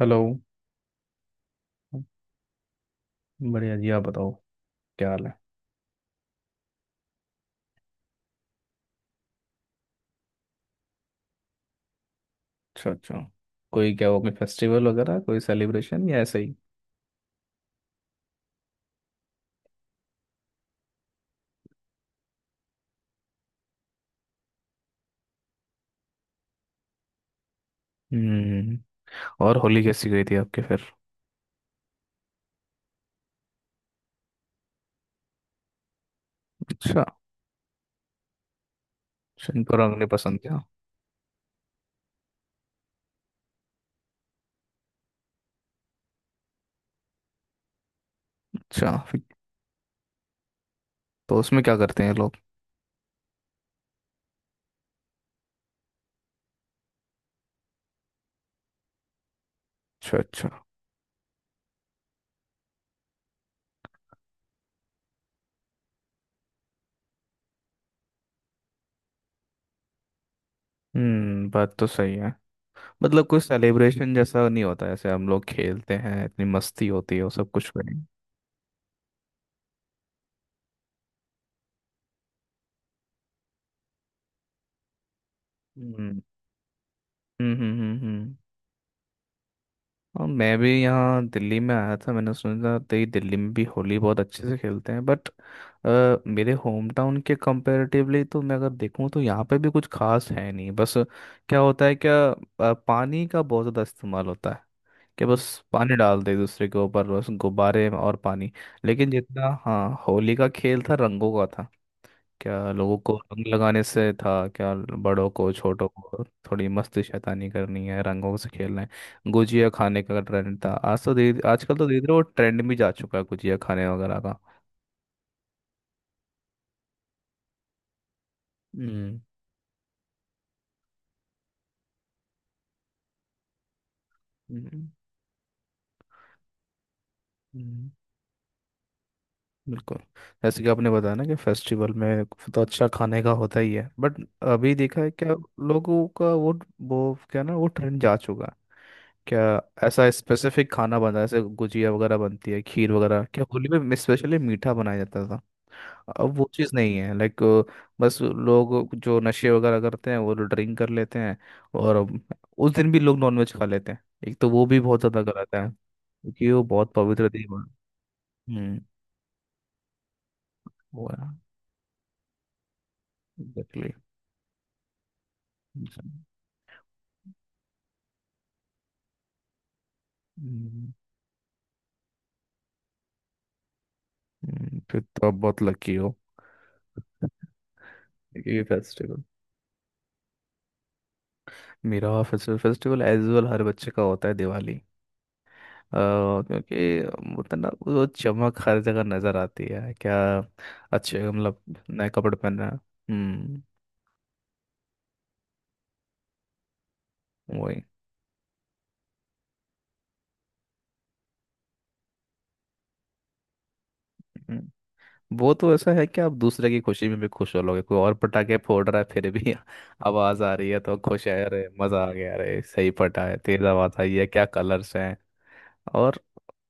Hello. बढ़िया जी, आप बताओ। क्या हाल है? अच्छा अच्छा। कोई, क्या वो, कोई फेस्टिवल वगैरह, कोई सेलिब्रेशन या ऐसे ही? हम्म। और होली कैसी गई थी आपके फिर? अच्छा अच्छा, इनको रंग नहीं पसंद क्या? अच्छा तो उसमें क्या करते हैं लोग? अच्छा अच्छा। हम्म। बात तो सही है। मतलब, कोई सेलिब्रेशन जैसा नहीं होता, ऐसे हम लोग खेलते हैं, इतनी मस्ती होती है, वो सब कुछ करें। हम्म हम्म हम्म हम्म, हम्म। और मैं भी यहाँ दिल्ली में आया था, मैंने सुना था तो ये दिल्ली में भी होली बहुत अच्छे से खेलते हैं, बट मेरे होम टाउन के कंपैरेटिवली तो मैं अगर देखूँ तो यहाँ पे भी कुछ खास है नहीं बस। क्या होता है क्या पानी का बहुत ज़्यादा इस्तेमाल होता है कि बस, पानी डाल दे एक दूसरे के ऊपर, बस गुब्बारे और पानी। लेकिन जितना, हाँ, होली का खेल था रंगों का था। क्या लोगों को रंग लगाने से था, क्या बड़ों को छोटों को? थोड़ी मस्ती शैतानी करनी है, रंगों से खेलना है, गुजिया खाने का ट्रेंड था। आज तो धीरे आजकल तो धीरे धीरे वो ट्रेंड भी जा चुका है, गुजिया खाने वगैरह का। हम्म हम्म, हम्म, बिल्कुल। जैसे कि आपने बताया ना, कि फेस्टिवल में तो अच्छा खाने का होता ही है, बट अभी देखा है क्या लोगों का वो क्या ना, वो ट्रेंड जा चुका है क्या? ऐसा स्पेसिफिक खाना बना है, जैसे गुजिया वगैरह बनती है, खीर वगैरह, क्या होली में स्पेशली मीठा बनाया जाता? अब वो चीज़ नहीं है, लाइक। बस लोग जो नशे वगैरह करते हैं, वो ड्रिंक कर लेते हैं और उस दिन भी लोग नॉनवेज खा लेते हैं। एक तो वो भी बहुत ज़्यादा गलत है, क्योंकि वो बहुत पवित्र दिन है। हम्म। वो है। एग्जैक्टली। हम्म, फिर तो आप बहुत लकी हो ये फेस्टिवल। मेरा फेस्टिवल, फेस्टिवल एज वेल हर बच्चे का होता है, दिवाली। क्योंकि होता ना वो चमक हर जगह नजर आती है क्या, अच्छे मतलब, नए कपड़े पहनना। हम्म। वही। हम्म, वो तो ऐसा है कि आप दूसरे की खुशी में भी खुश हो लोगे। कोई और पटाखे फोड़ रहा है फिर भी आवाज आ रही है तो खुश है। अरे मजा आ गया, अरे सही पटा है, तेज आवाज आई है, क्या कलर्स हैं। और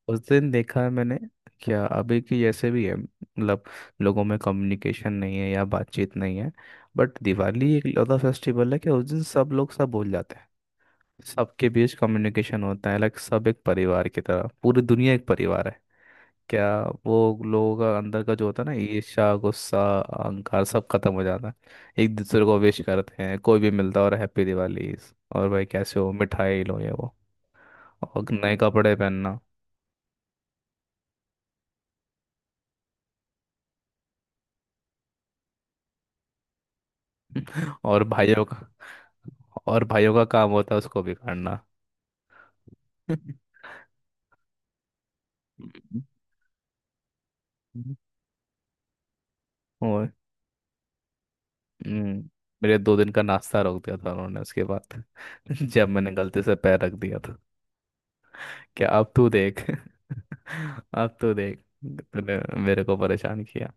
उस दिन देखा है मैंने, क्या अभी की जैसे भी है, मतलब लोगों में कम्युनिकेशन नहीं है या बातचीत नहीं है, बट दिवाली एक लौता फेस्टिवल है कि उस दिन सब लोग सब भूल जाते हैं। सबके बीच कम्युनिकेशन होता है, लाइक सब एक परिवार की तरह, पूरी दुनिया एक परिवार है। क्या वो, लोगों का अंदर का जो होता है ना, ईर्ष्या, गुस्सा, अहंकार, सब खत्म हो जाता है। एक दूसरे को विश करते हैं, कोई भी मिलता है, और हैप्पी दिवाली, और भाई कैसे हो, मिठाई लो, ये वो, और नए कपड़े पहनना। और भाइयों का और भाइयों का काम होता है उसको बिगाड़ना। और हम्म, मेरे दो दिन का नाश्ता रोक दिया था उन्होंने उसके बाद जब मैंने गलती से पैर रख दिया था। क्या, अब तूने देख, अब तू देख, तूने मेरे को परेशान किया।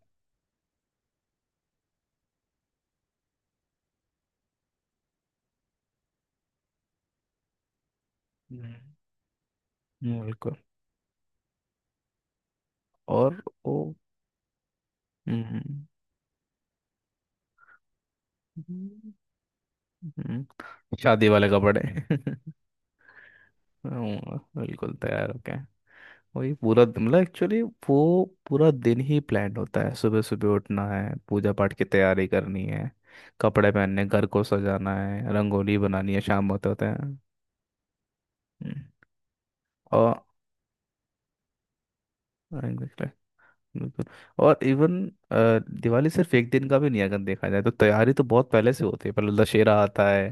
हम्म, बिल्कुल। और वो। हम्म, हम्म, हम्म, शादी वाले कपड़े बिल्कुल तैयार हो गए। वही मतलब एक्चुअली, वो पूरा दिन ही प्लान होता है। सुबह सुबह उठना है, पूजा पाठ की तैयारी करनी है, कपड़े पहनने, घर को सजाना है, रंगोली बनानी है, शाम होते होते हैं। हम्म, और exactly। बिल्कुल, और इवन दिवाली सिर्फ एक दिन का भी नहीं है, अगर देखा जाए तो तैयारी तो बहुत पहले से होती है, पहले दशहरा आता है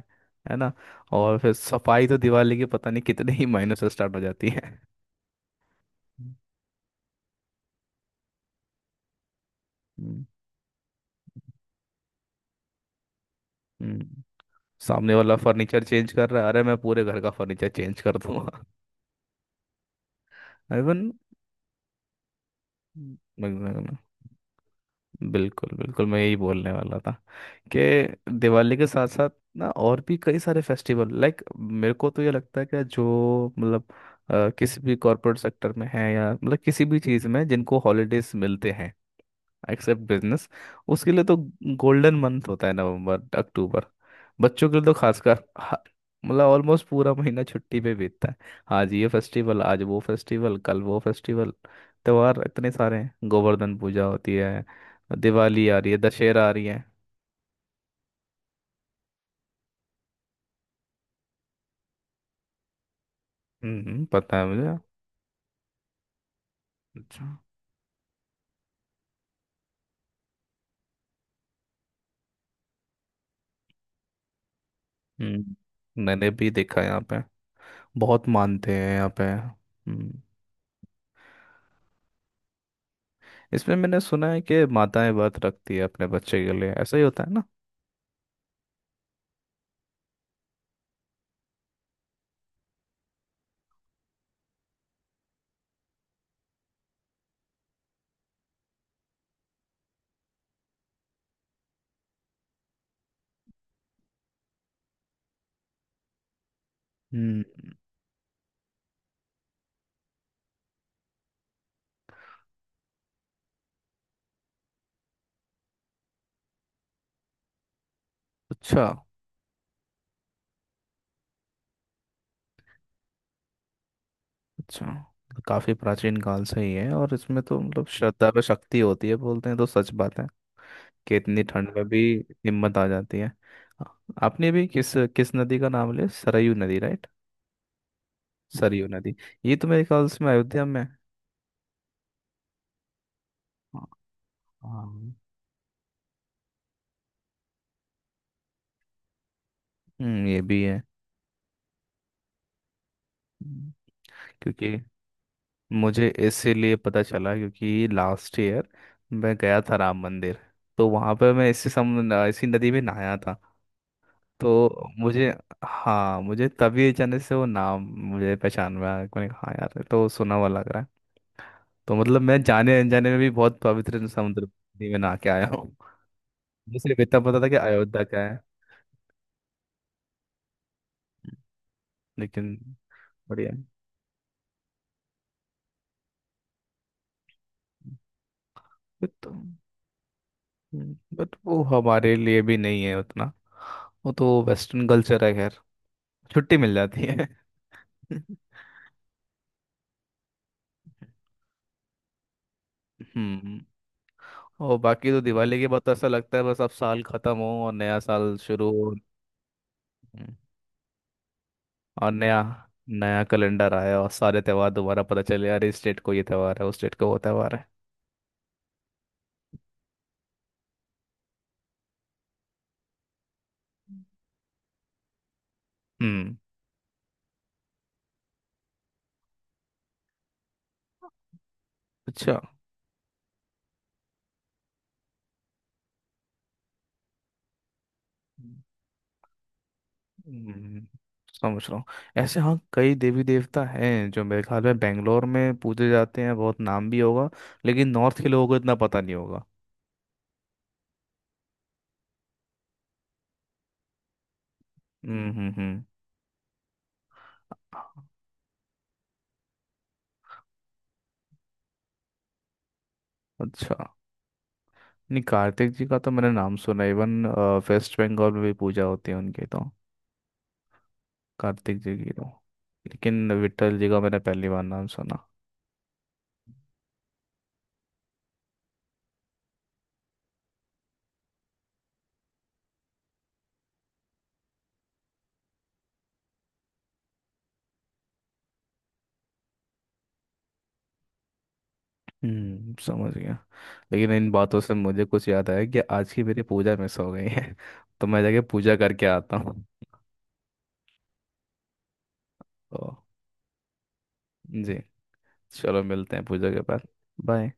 है ना, और फिर सफाई तो दिवाली के पता नहीं कितने ही महीनों से स्टार्ट हो जाती है। हम्म, हम्म। हम्म। सामने वाला फर्नीचर चेंज कर रहा है, अरे मैं पूरे घर का फर्नीचर चेंज कर दूंगा। इवन, बिल्कुल बिल्कुल, मैं यही बोलने वाला था कि दिवाली के साथ साथ ना, और भी कई सारे फेस्टिवल, लाइक मेरे को तो ये लगता है कि जो, मतलब किसी भी कॉरपोरेट सेक्टर में है, या मतलब किसी भी चीज़ में जिनको हॉलीडेज मिलते हैं, एक्सेप्ट बिजनेस, उसके लिए तो गोल्डन मंथ होता है नवंबर अक्टूबर। बच्चों के लिए तो खासकर मतलब ऑलमोस्ट पूरा महीना छुट्टी पे बीतता है। आज ये फेस्टिवल, आज वो फेस्टिवल, कल वो फेस्टिवल, त्योहार इतने सारे हैं, गोवर्धन पूजा होती है, दिवाली आ रही है, दशहरा आ रही है। हम्म, पता है मुझे। अच्छा। हम्म। मैंने भी देखा है यहाँ पे, बहुत मानते हैं यहाँ पे। हम्म। इसमें मैंने सुना है कि माताएं व्रत रखती है अपने बच्चे के लिए, ऐसा ही होता है ना? हम्म। अच्छा। अच्छा, काफी प्राचीन काल से ही है। और इसमें तो मतलब श्रद्धा पे शक्ति होती है बोलते हैं, तो सच बात है कि इतनी ठंड में भी हिम्मत आ जाती है। आ- आपने भी किस किस नदी का नाम लिया, सरयू नदी राइट? सरयू नदी, ये तो मेरे ख्याल से में अयोध्या में है। हाँ हाँ। हम्म, ये भी है। हम्म। क्योंकि मुझे इसीलिए पता चला क्योंकि लास्ट ईयर मैं गया था राम मंदिर, तो वहां पर मैं इसी नदी में नहाया था। तो मुझे हाँ, मुझे तभी अचानक से वो नाम, मुझे पहचान में आया। मैंने कहा हाँ यार, ये तो सुना हुआ लग रहा है। तो मतलब मैं जाने अनजाने में भी बहुत पवित्र समुद्र नदी में नहा के आया हूँ। मुझे सिर्फ इतना पता था कि अयोध्या का है, लेकिन। बढ़िया है। तो, बट वो हमारे लिए भी नहीं है उतना, वो तो वेस्टर्न कल्चर है, खैर छुट्टी मिल जाती है। हम्म। और बाकी तो दिवाली के बाद तो ऐसा लगता है बस अब साल खत्म हो और नया साल शुरू हो। हम्म, और नया, नया कैलेंडर आया और सारे त्योहार दोबारा पता चले, अरे इस डेट को ये त्योहार है, उस डेट को वो त्योहार है। हम्म। अच्छा। हम्म, समझ रहा हूँ। ऐसे हाँ, कई देवी देवता हैं जो मेरे ख्याल में बेंगलोर में पूजे जाते हैं, बहुत नाम भी होगा, लेकिन नॉर्थ के लोगों को इतना पता नहीं होगा। हम्म। अच्छा। नहीं, कार्तिक जी का तो मैंने नाम सुना। इवन वेस्ट बंगाल में भी पूजा होती है उनकी तो, कार्तिक जी की तो। लेकिन विट्ठल जी का मैंने पहली बार नाम सुना। हम्म, समझ गया। लेकिन इन बातों से मुझे कुछ याद आया कि आज की मेरी पूजा मिस हो गई है तो मैं जाके पूजा करके आता हूँ। तो जी, चलो मिलते हैं पूजा के बाद। बाय।